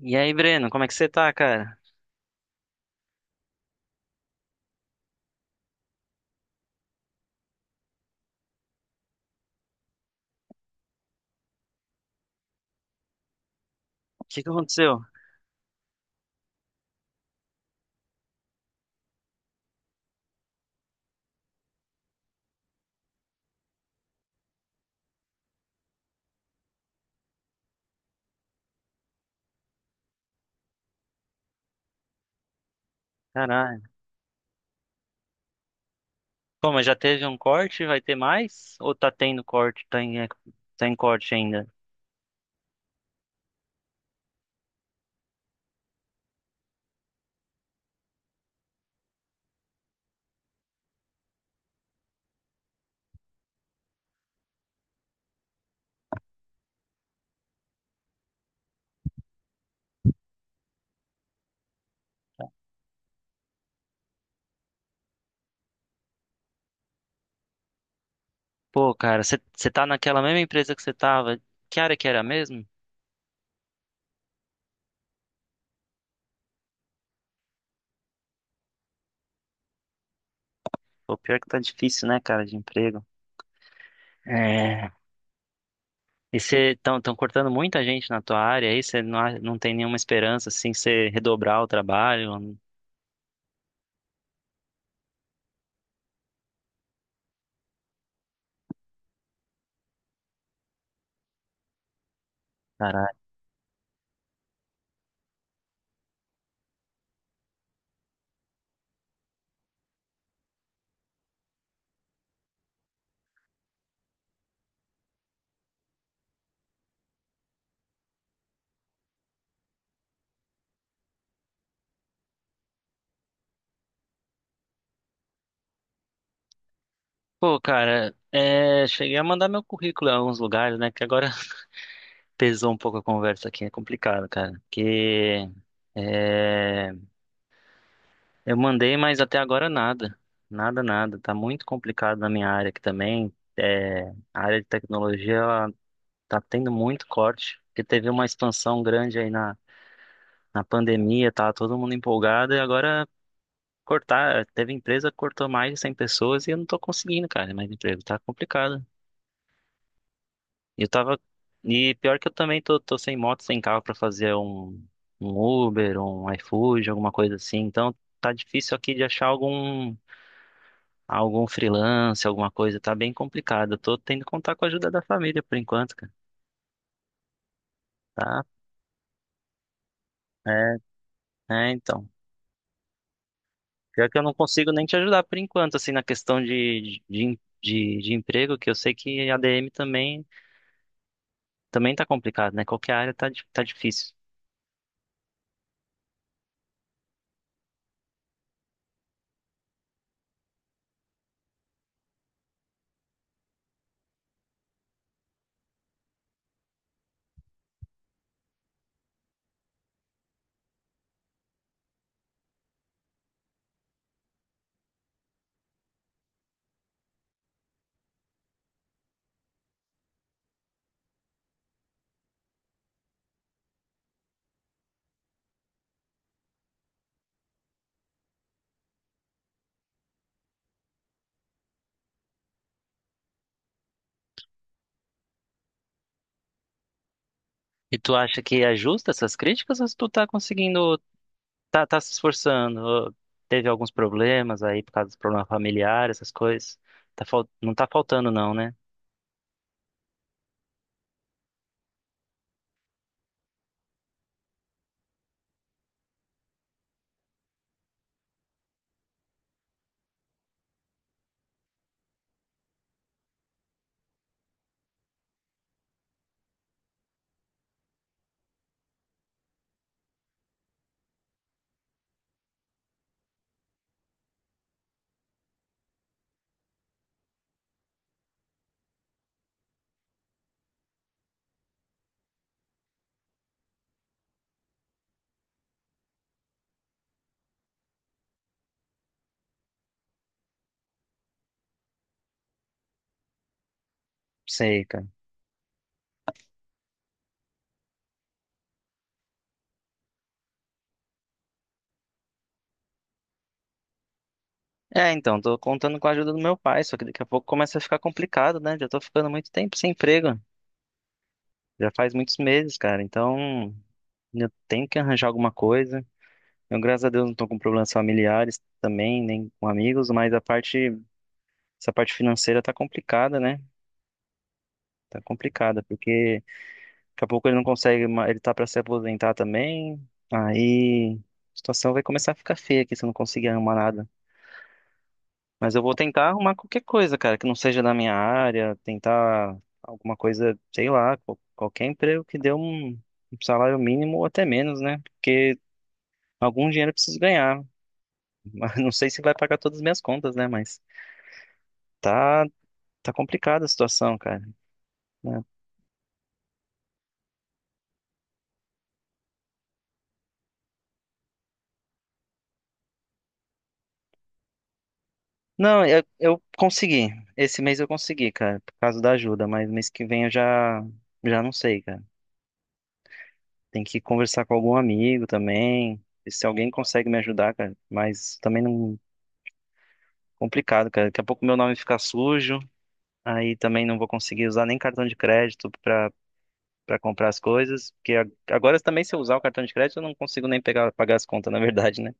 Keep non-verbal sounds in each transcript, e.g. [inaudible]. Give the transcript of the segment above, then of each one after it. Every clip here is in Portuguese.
E aí, Breno, como é que você tá, cara? O que que aconteceu? Caralho. Pô, mas já teve um corte? Vai ter mais? Ou tá tendo corte? Tá em corte ainda? Pô, cara, você tá naquela mesma empresa que você tava? Que área que era mesmo? Pô, pior que tá difícil, né, cara, de emprego. É. E você tão, tão cortando muita gente na tua área aí? Você não, não tem nenhuma esperança, assim, de você redobrar o trabalho? Caralho. Pô, cara, é, cheguei a mandar meu currículo em alguns lugares, né? Que agora pesou um pouco a conversa aqui, é complicado, cara. Porque é, eu mandei, mas até agora nada. Nada, nada. Tá muito complicado na minha área aqui também. É, a área de tecnologia, ela tá tendo muito corte, porque teve uma expansão grande na pandemia, tá todo mundo empolgado, e agora cortar, teve empresa que cortou mais de 100 pessoas e eu não tô conseguindo, cara, mais emprego. Tá complicado. Eu tava. E pior que eu também tô sem moto, sem carro pra fazer um Uber, um iFood, alguma coisa assim. Então tá difícil aqui de achar algum freelance, alguma coisa. Tá bem complicado. Eu tô tendo que contar com a ajuda da família por enquanto, cara. Tá? É, é, então. Pior que eu não consigo nem te ajudar por enquanto, assim, na questão de emprego, que eu sei que ADM também, também tá complicado, né? Qualquer área tá, tá difícil. E tu acha que é justa essas críticas ou tu tá conseguindo. Tá, tá se esforçando. Ó, teve alguns problemas aí por causa dos problemas familiares, essas coisas. Não tá faltando, não, né? Sei, cara. É, então, tô contando com a ajuda do meu pai, só que daqui a pouco começa a ficar complicado, né? Já tô ficando muito tempo sem emprego. Já faz muitos meses, cara. Então, eu tenho que arranjar alguma coisa. Eu, graças a Deus, não tô com problemas familiares também, nem com amigos, mas essa parte financeira tá complicada, né? Tá complicada, porque. Daqui a pouco ele não consegue, ele tá pra se aposentar também. Aí a situação vai começar a ficar feia aqui se eu não conseguir arrumar nada. Mas eu vou tentar arrumar qualquer coisa, cara, que não seja da minha área, tentar alguma coisa, sei lá, qualquer emprego que dê um salário mínimo ou até menos, né? Porque algum dinheiro eu preciso ganhar. [laughs] Mas não sei se vai pagar todas as minhas contas, né? Mas tá, tá complicada a situação, cara. Né? Não, eu consegui. Esse mês eu consegui, cara, por causa da ajuda, mas mês que vem já não sei, cara. Tem que conversar com algum amigo também. Ver se alguém consegue me ajudar, cara, mas também não complicado, cara. Daqui a pouco meu nome fica sujo, aí também não vou conseguir usar nem cartão de crédito pra para comprar as coisas, porque agora também se eu usar o cartão de crédito eu não consigo nem pegar pagar as contas, na verdade, né?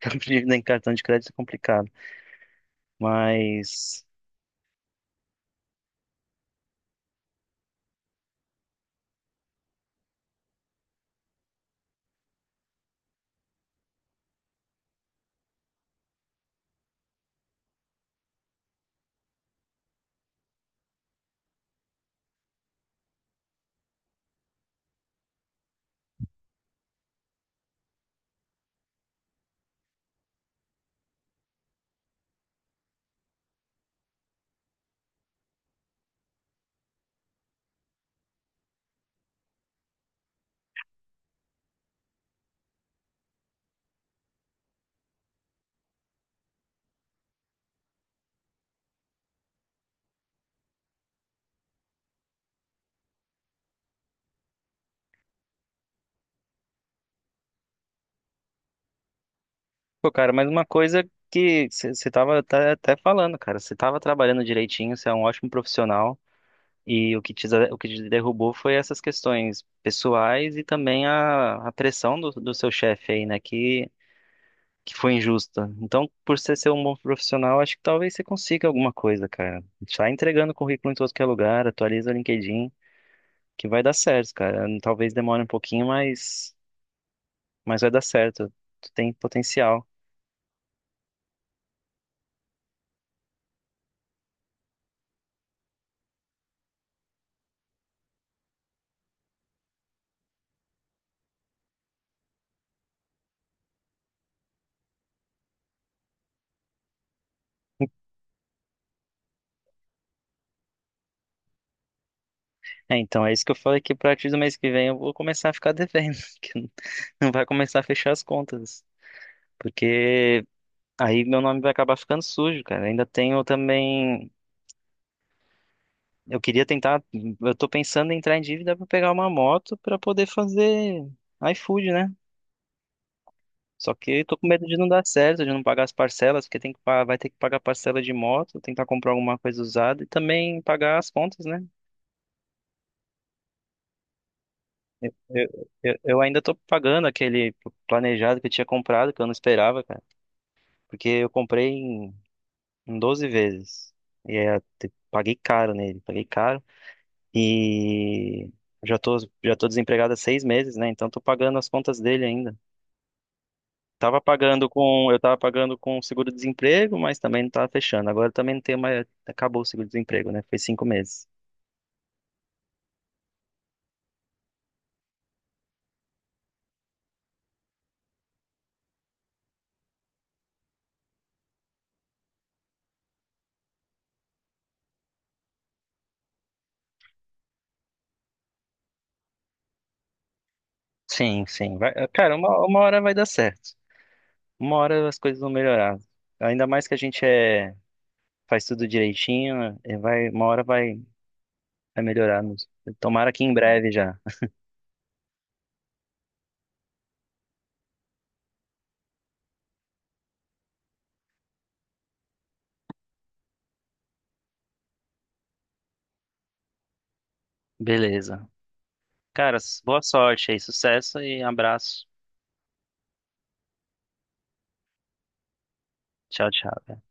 [laughs] Eu prefiro nem cartão de crédito é complicado, mas pô, cara, mas uma coisa que você até falando, cara, você tava trabalhando direitinho, você é um ótimo profissional e o que te derrubou foi essas questões pessoais e também a pressão do seu chefe aí, né, que foi injusta. Então, por você ser um bom profissional, acho que talvez você consiga alguma coisa, cara. Sai entregando currículo em todo que é lugar, atualiza o LinkedIn, que vai dar certo, cara. Talvez demore um pouquinho, mas vai dar certo. Tu tem potencial. É, então, é isso que eu falei que a partir do mês que vem eu vou começar a ficar devendo, [laughs] que não não vai começar a fechar as contas, porque aí meu nome vai acabar ficando sujo, cara. Ainda tenho também, eu queria tentar, eu tô pensando em entrar em dívida para pegar uma moto para poder fazer iFood, né? Só que eu tô com medo de não dar certo, de não pagar as parcelas, porque tem que, vai ter que pagar parcela de moto, tentar comprar alguma coisa usada e também pagar as contas, né? Eu ainda tô pagando aquele planejado que eu tinha comprado, que eu não esperava, cara. Porque eu comprei em 12 vezes. E é, paguei caro nele, paguei caro. E já tô, já tô desempregado há 6 meses, né? Então tô pagando as contas dele ainda. Eu tava pagando com seguro-desemprego, mas também não tava fechando. Agora também não tem mais, acabou o seguro-desemprego, né? Foi 5 meses. Sim, sim. Vai, cara, uma hora vai dar certo. Uma hora as coisas vão melhorar. Ainda mais que a gente é, faz tudo direitinho, vai, uma hora vai melhorar. Tomara que em breve já. Beleza. Cara, boa sorte aí, sucesso e abraço. Tchau, tchau.